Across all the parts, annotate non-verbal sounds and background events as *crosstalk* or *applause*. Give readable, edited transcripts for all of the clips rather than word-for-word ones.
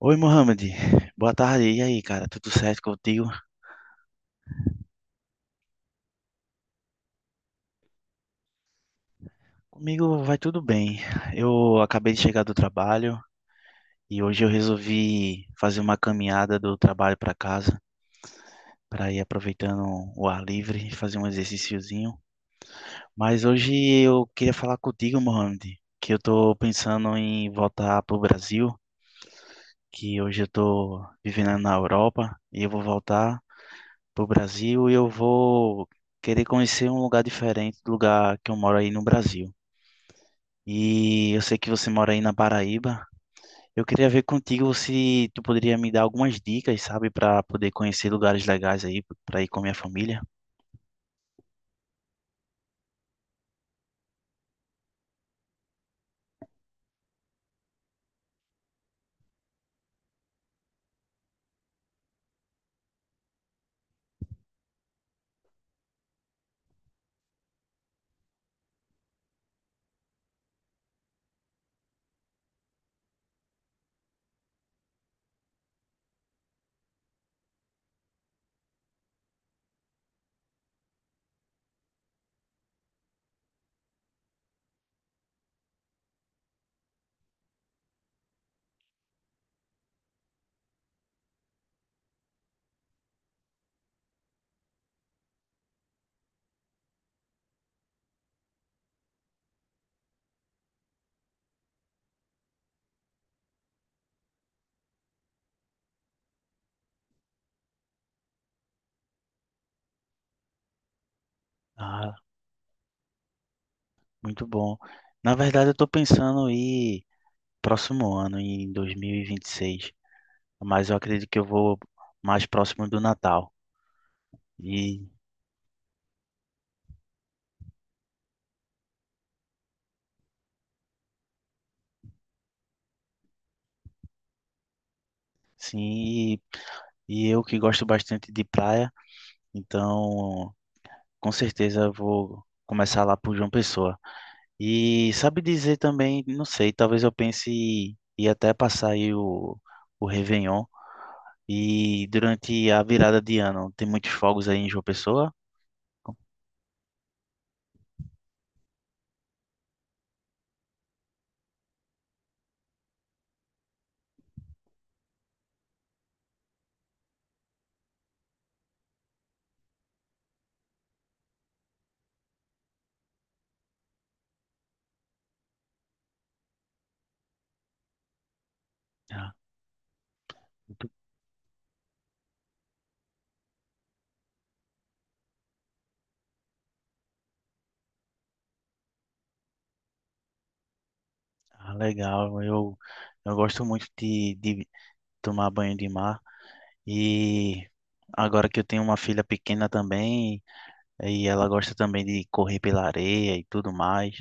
Oi, Mohamed. Boa tarde. E aí, cara? Tudo certo contigo? Comigo vai tudo bem. Eu acabei de chegar do trabalho e hoje eu resolvi fazer uma caminhada do trabalho para casa, para ir aproveitando o ar livre, e fazer um exercíciozinho. Mas hoje eu queria falar contigo, Mohamed, que eu tô pensando em voltar pro Brasil, que hoje eu tô vivendo na Europa e eu vou voltar pro Brasil e eu vou querer conhecer um lugar diferente do lugar que eu moro aí no Brasil. E eu sei que você mora aí na Paraíba. Eu queria ver contigo se tu poderia me dar algumas dicas, sabe, para poder conhecer lugares legais aí para ir com a minha família. Ah, muito bom. Na verdade, eu tô pensando em ir próximo ano, em 2026, mas eu acredito que eu vou mais próximo do Natal. E sim, e, e eu que gosto bastante de praia, então com certeza eu vou começar lá por João Pessoa. E sabe dizer também, não sei, talvez eu pense em até passar aí o Réveillon. E durante a virada de ano, tem muitos fogos aí em João Pessoa? Ah, muito- ah, legal, eu gosto muito de tomar banho de mar. E agora que eu tenho uma filha pequena também, e ela gosta também de correr pela areia e tudo mais.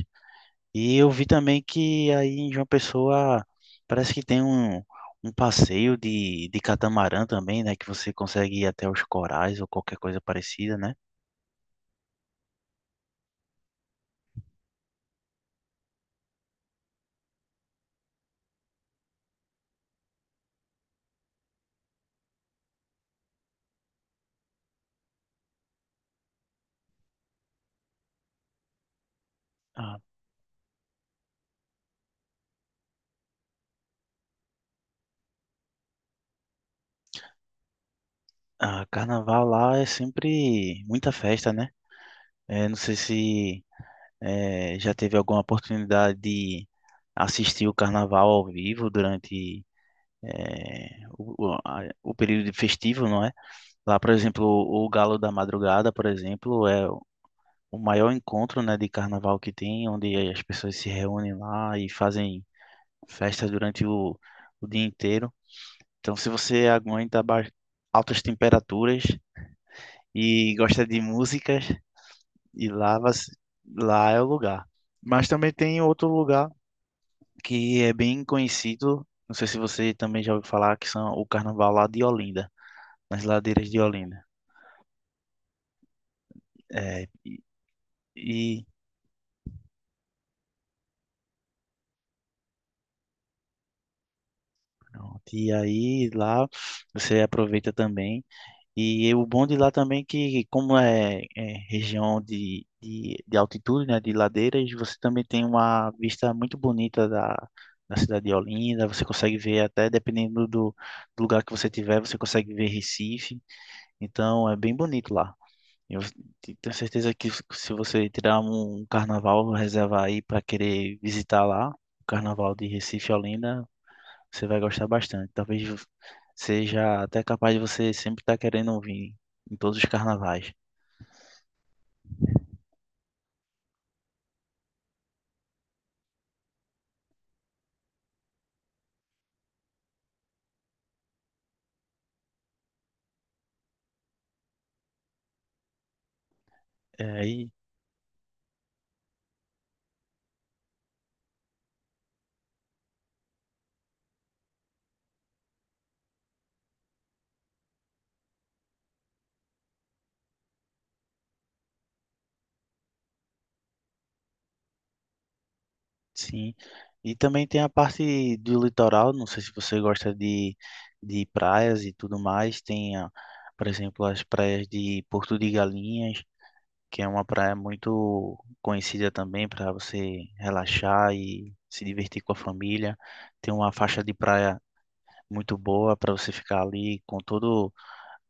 E eu vi também que aí em João Pessoa parece que tem um passeio de catamarã também, né? Que você consegue ir até os corais ou qualquer coisa parecida, né? Ah, ah, carnaval lá é sempre muita festa, né? Não sei se já teve alguma oportunidade de assistir o carnaval ao vivo durante o período festivo, não é? Lá, por exemplo, o Galo da Madrugada, por exemplo, é o maior encontro, né, de carnaval que tem, onde as pessoas se reúnem lá e fazem festa durante o dia inteiro. Então, se você aguenta altas temperaturas e gosta de músicas, e lá é o lugar. Mas também tem outro lugar que é bem conhecido, não sei se você também já ouviu falar, que são o carnaval lá de Olinda, nas ladeiras de Olinda. É, e, pronto, e aí lá você aproveita também. E o bom de lá também que, como é região de altitude, né, de ladeiras, você também tem uma vista muito bonita da cidade de Olinda. Você consegue ver até, dependendo do lugar que você tiver, você consegue ver Recife. Então, é bem bonito lá. Eu tenho certeza que se você tirar um carnaval, reservar aí para querer visitar lá, o carnaval de Recife e Olinda, você vai gostar bastante. Talvez seja até capaz de você sempre estar querendo ouvir em todos os carnavais. É, aí, sim. E também tem a parte do litoral. Não sei se você gosta de praias e tudo mais. Tem, por exemplo, as praias de Porto de Galinhas, que é uma praia muito conhecida também para você relaxar e se divertir com a família. Tem uma faixa de praia muito boa para você ficar ali com todo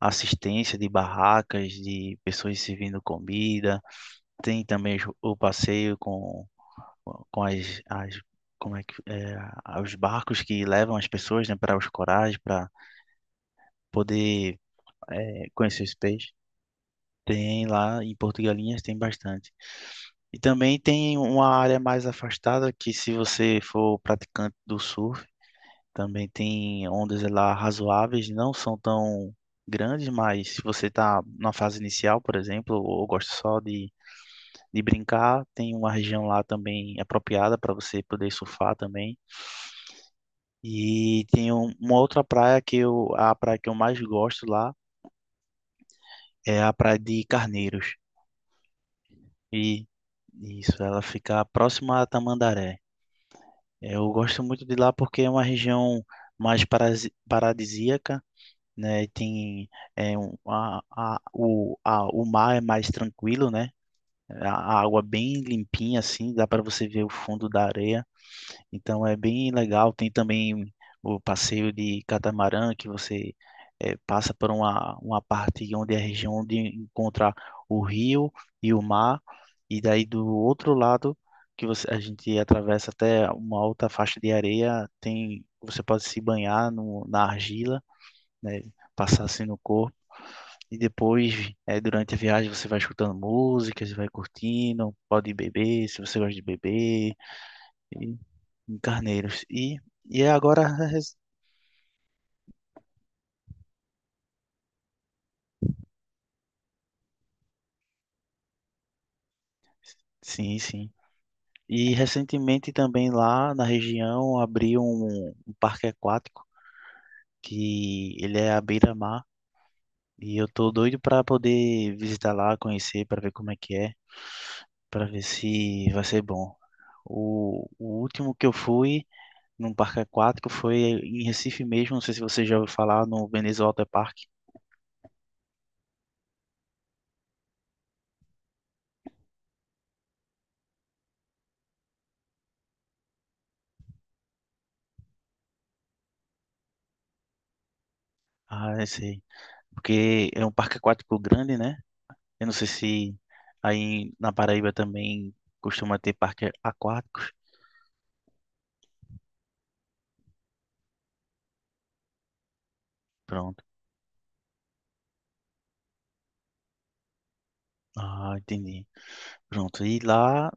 assistência de barracas, de pessoas servindo comida. Tem também o passeio com as como é que é, os barcos que levam as pessoas, né, para os corais, para poder conhecer os peixes. Tem lá em Porto Galinhas tem bastante. E também tem uma área mais afastada que se você for praticante do surf, também tem ondas lá razoáveis, não são tão grandes, mas se você está na fase inicial, por exemplo, ou gosta só de brincar, tem uma região lá também apropriada para você poder surfar também. E tem um- uma outra praia que eu, a praia que eu mais gosto lá é a praia de Carneiros. E isso, ela fica próxima a Tamandaré. Eu gosto muito de lá porque é uma região mais paradisíaca, né? E tem o mar é mais tranquilo, né? A água bem limpinha, assim, dá para você ver o fundo da areia. Então é bem legal. Tem também o passeio de catamarã, que você passa por uma parte onde é a região onde encontra o rio e o mar. E daí do outro lado, a gente atravessa até uma outra faixa de areia, tem, você pode se banhar no, na argila, né? Passar assim no corpo e depois, durante a viagem, você vai escutando músicas, vai curtindo, pode beber, se você gosta de beber, e, em Carneiros. E é agora, sim, sim. E recentemente também lá na região abriu um parque aquático, que ele é à beira-mar, e eu tô doido para poder visitar lá, conhecer, para ver como é que é, para ver se vai ser bom. O último que eu fui num parque aquático, foi em Recife mesmo, não sei se você já ouviu falar, no Veneza Water Park. Ah, eu sei. Porque é um parque aquático grande, né? Eu não sei se aí na Paraíba também costuma ter parques aquáticos. Pronto. Ah, entendi. Pronto. E lá,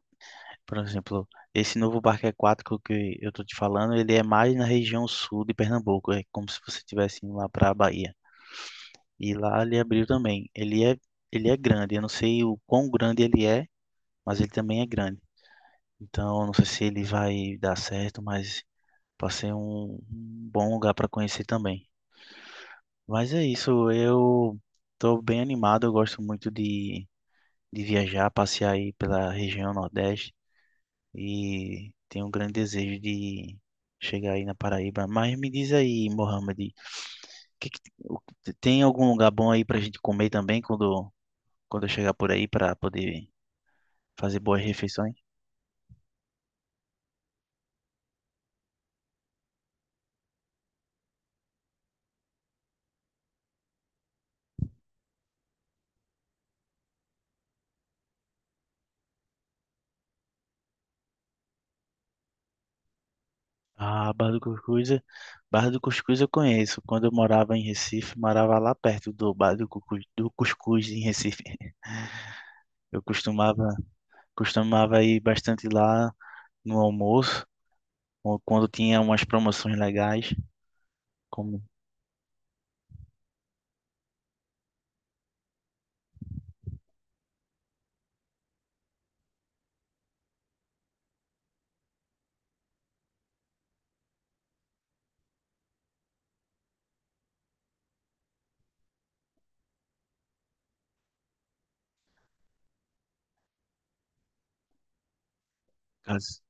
por exemplo, esse novo parque aquático que eu tô te falando, ele é mais na região sul de Pernambuco. É como se você estivesse indo lá para a Bahia. E lá ele abriu também. Ele é grande. Eu não sei o quão grande ele é, mas ele também é grande. Então, eu não sei se ele vai dar certo, mas pode ser um bom lugar para conhecer também. Mas é isso, eu estou bem animado, eu gosto muito de viajar, passear aí pela região Nordeste e tenho um grande desejo de chegar aí na Paraíba. Mas me diz aí, Mohamed, que que- o- tem algum lugar bom aí para a gente comer também quando eu chegar por aí para poder fazer boas refeições? Ah, Barra do Cuscuz, Barra do Cuscuz eu conheço. Quando eu morava em Recife, morava lá perto do Barra do Cuscuz, em Recife. *laughs* Eu costumava ir bastante lá no almoço, ou quando tinha umas promoções legais, como as-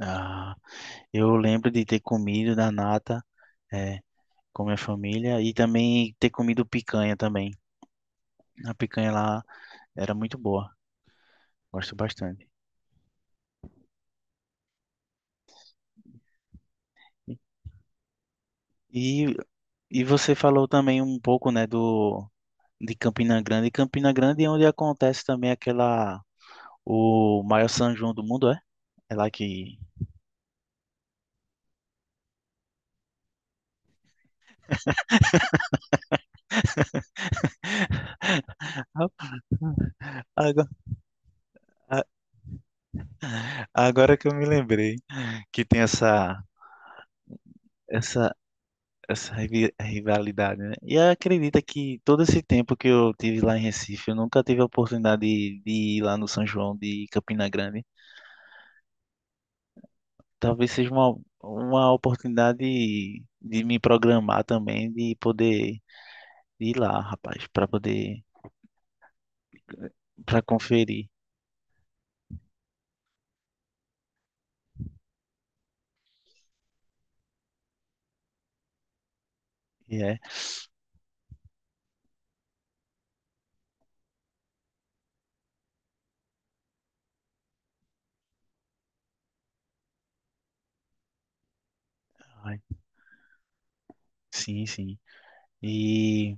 ah, eu lembro de ter comido na nata, é, com minha família e também ter comido picanha também. A picanha lá era muito boa, gosto bastante. E, e você falou também um pouco, né, do de Campina Grande. E Campina Grande é onde acontece também aquela, o maior São João do mundo, é? É lá que. Ah, Agora, a- agora que eu me lembrei que tem essa, essa rivalidade, né? E acredita que todo esse tempo que eu tive lá em Recife, eu nunca tive a oportunidade de ir lá no São João de Campina Grande. Talvez seja uma oportunidade de me programar também, de poder ir lá, rapaz, para conferir. E é. Sim, sim. E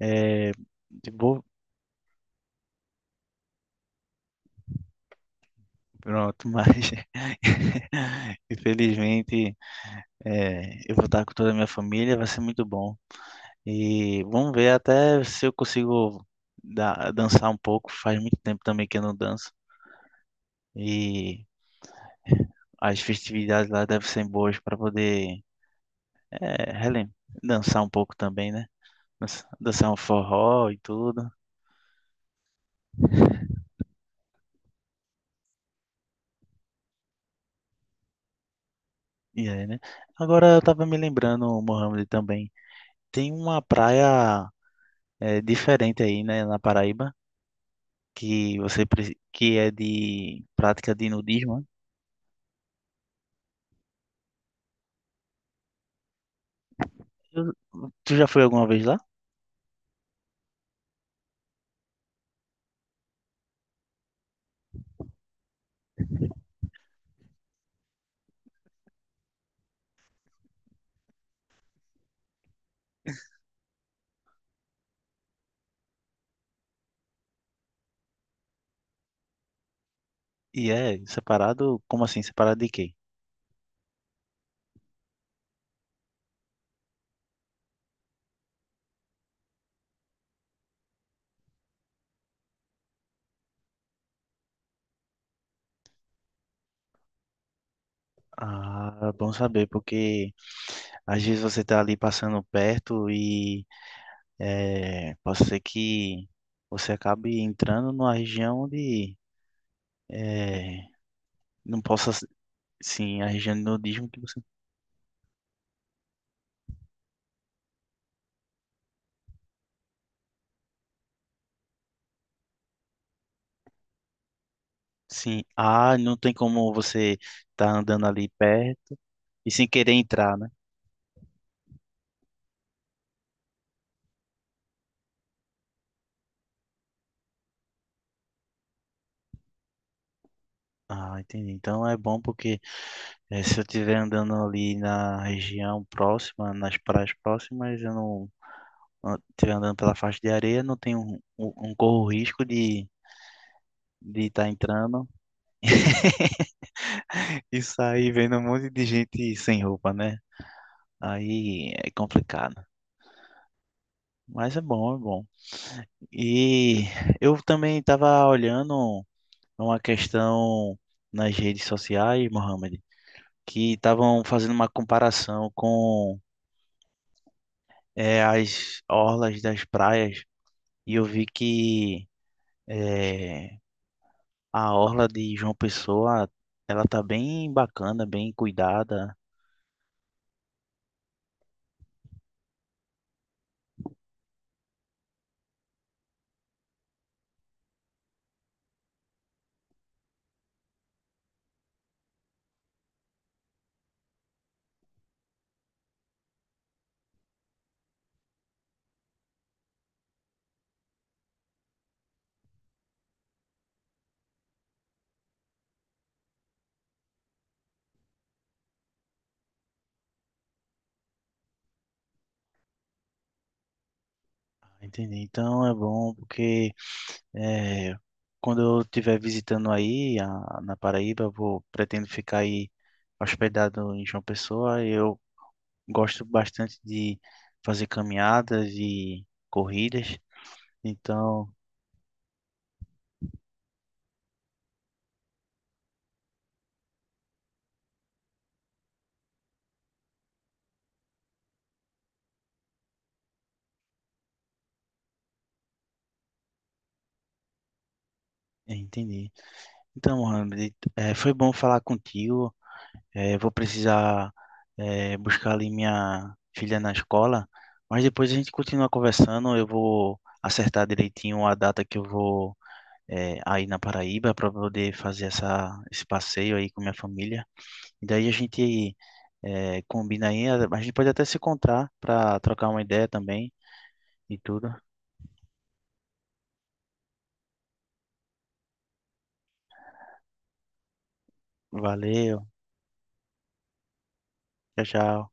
é, de boa, pronto, mas *laughs* infelizmente eu vou estar com toda a minha família, vai ser muito bom. E vamos ver até se eu consigo dançar um pouco. Faz muito tempo também que eu não danço. E as festividades lá devem ser boas para poder é, relem- dançar um pouco também, né? Dançar um forró e tudo. E aí, né? Agora eu tava me lembrando, Mohamed, também. Tem uma praia diferente aí, né, na Paraíba, que é de prática de nudismo, né? Eu- Tu já foi alguma vez lá? E é separado? Como assim? Separado de quê? Ah, bom saber, porque às vezes você tá ali passando perto e pode ser que você acabe entrando numa região de é, não possa, sim, a região de nudismo que você. Sim. Ah, não tem como você estar andando ali perto e sem querer entrar, né? Ah, entendi. Então é bom porque se eu estiver andando ali na região próxima, nas praias próximas, eu não estiver andando pela faixa de areia, não tenho um, corro risco de estar entrando *laughs* e sair vendo um monte de gente sem roupa, né? Aí é complicado. Mas é bom, é bom. E eu também estava olhando, a uma questão nas redes sociais, Mohamed, que estavam fazendo uma comparação com as orlas das praias e eu vi que eh, a orla de João Pessoa ela tá bem bacana, bem cuidada, entende? Então é bom porque eh, quando eu estiver visitando aí na Paraíba, eu vou pretendo ficar aí hospedado em João Pessoa, eu gosto bastante de fazer caminhadas e corridas. Então, entendi. Então, Mohamed, foi bom falar contigo. Vou precisar, buscar ali minha filha na escola, mas depois a gente continua conversando. Eu vou acertar direitinho a data que eu vou, aí na Paraíba para poder fazer esse passeio aí com minha família. E daí a gente combina aí. A gente pode até se encontrar para trocar uma ideia também e tudo. Valeu, tchau, tchau.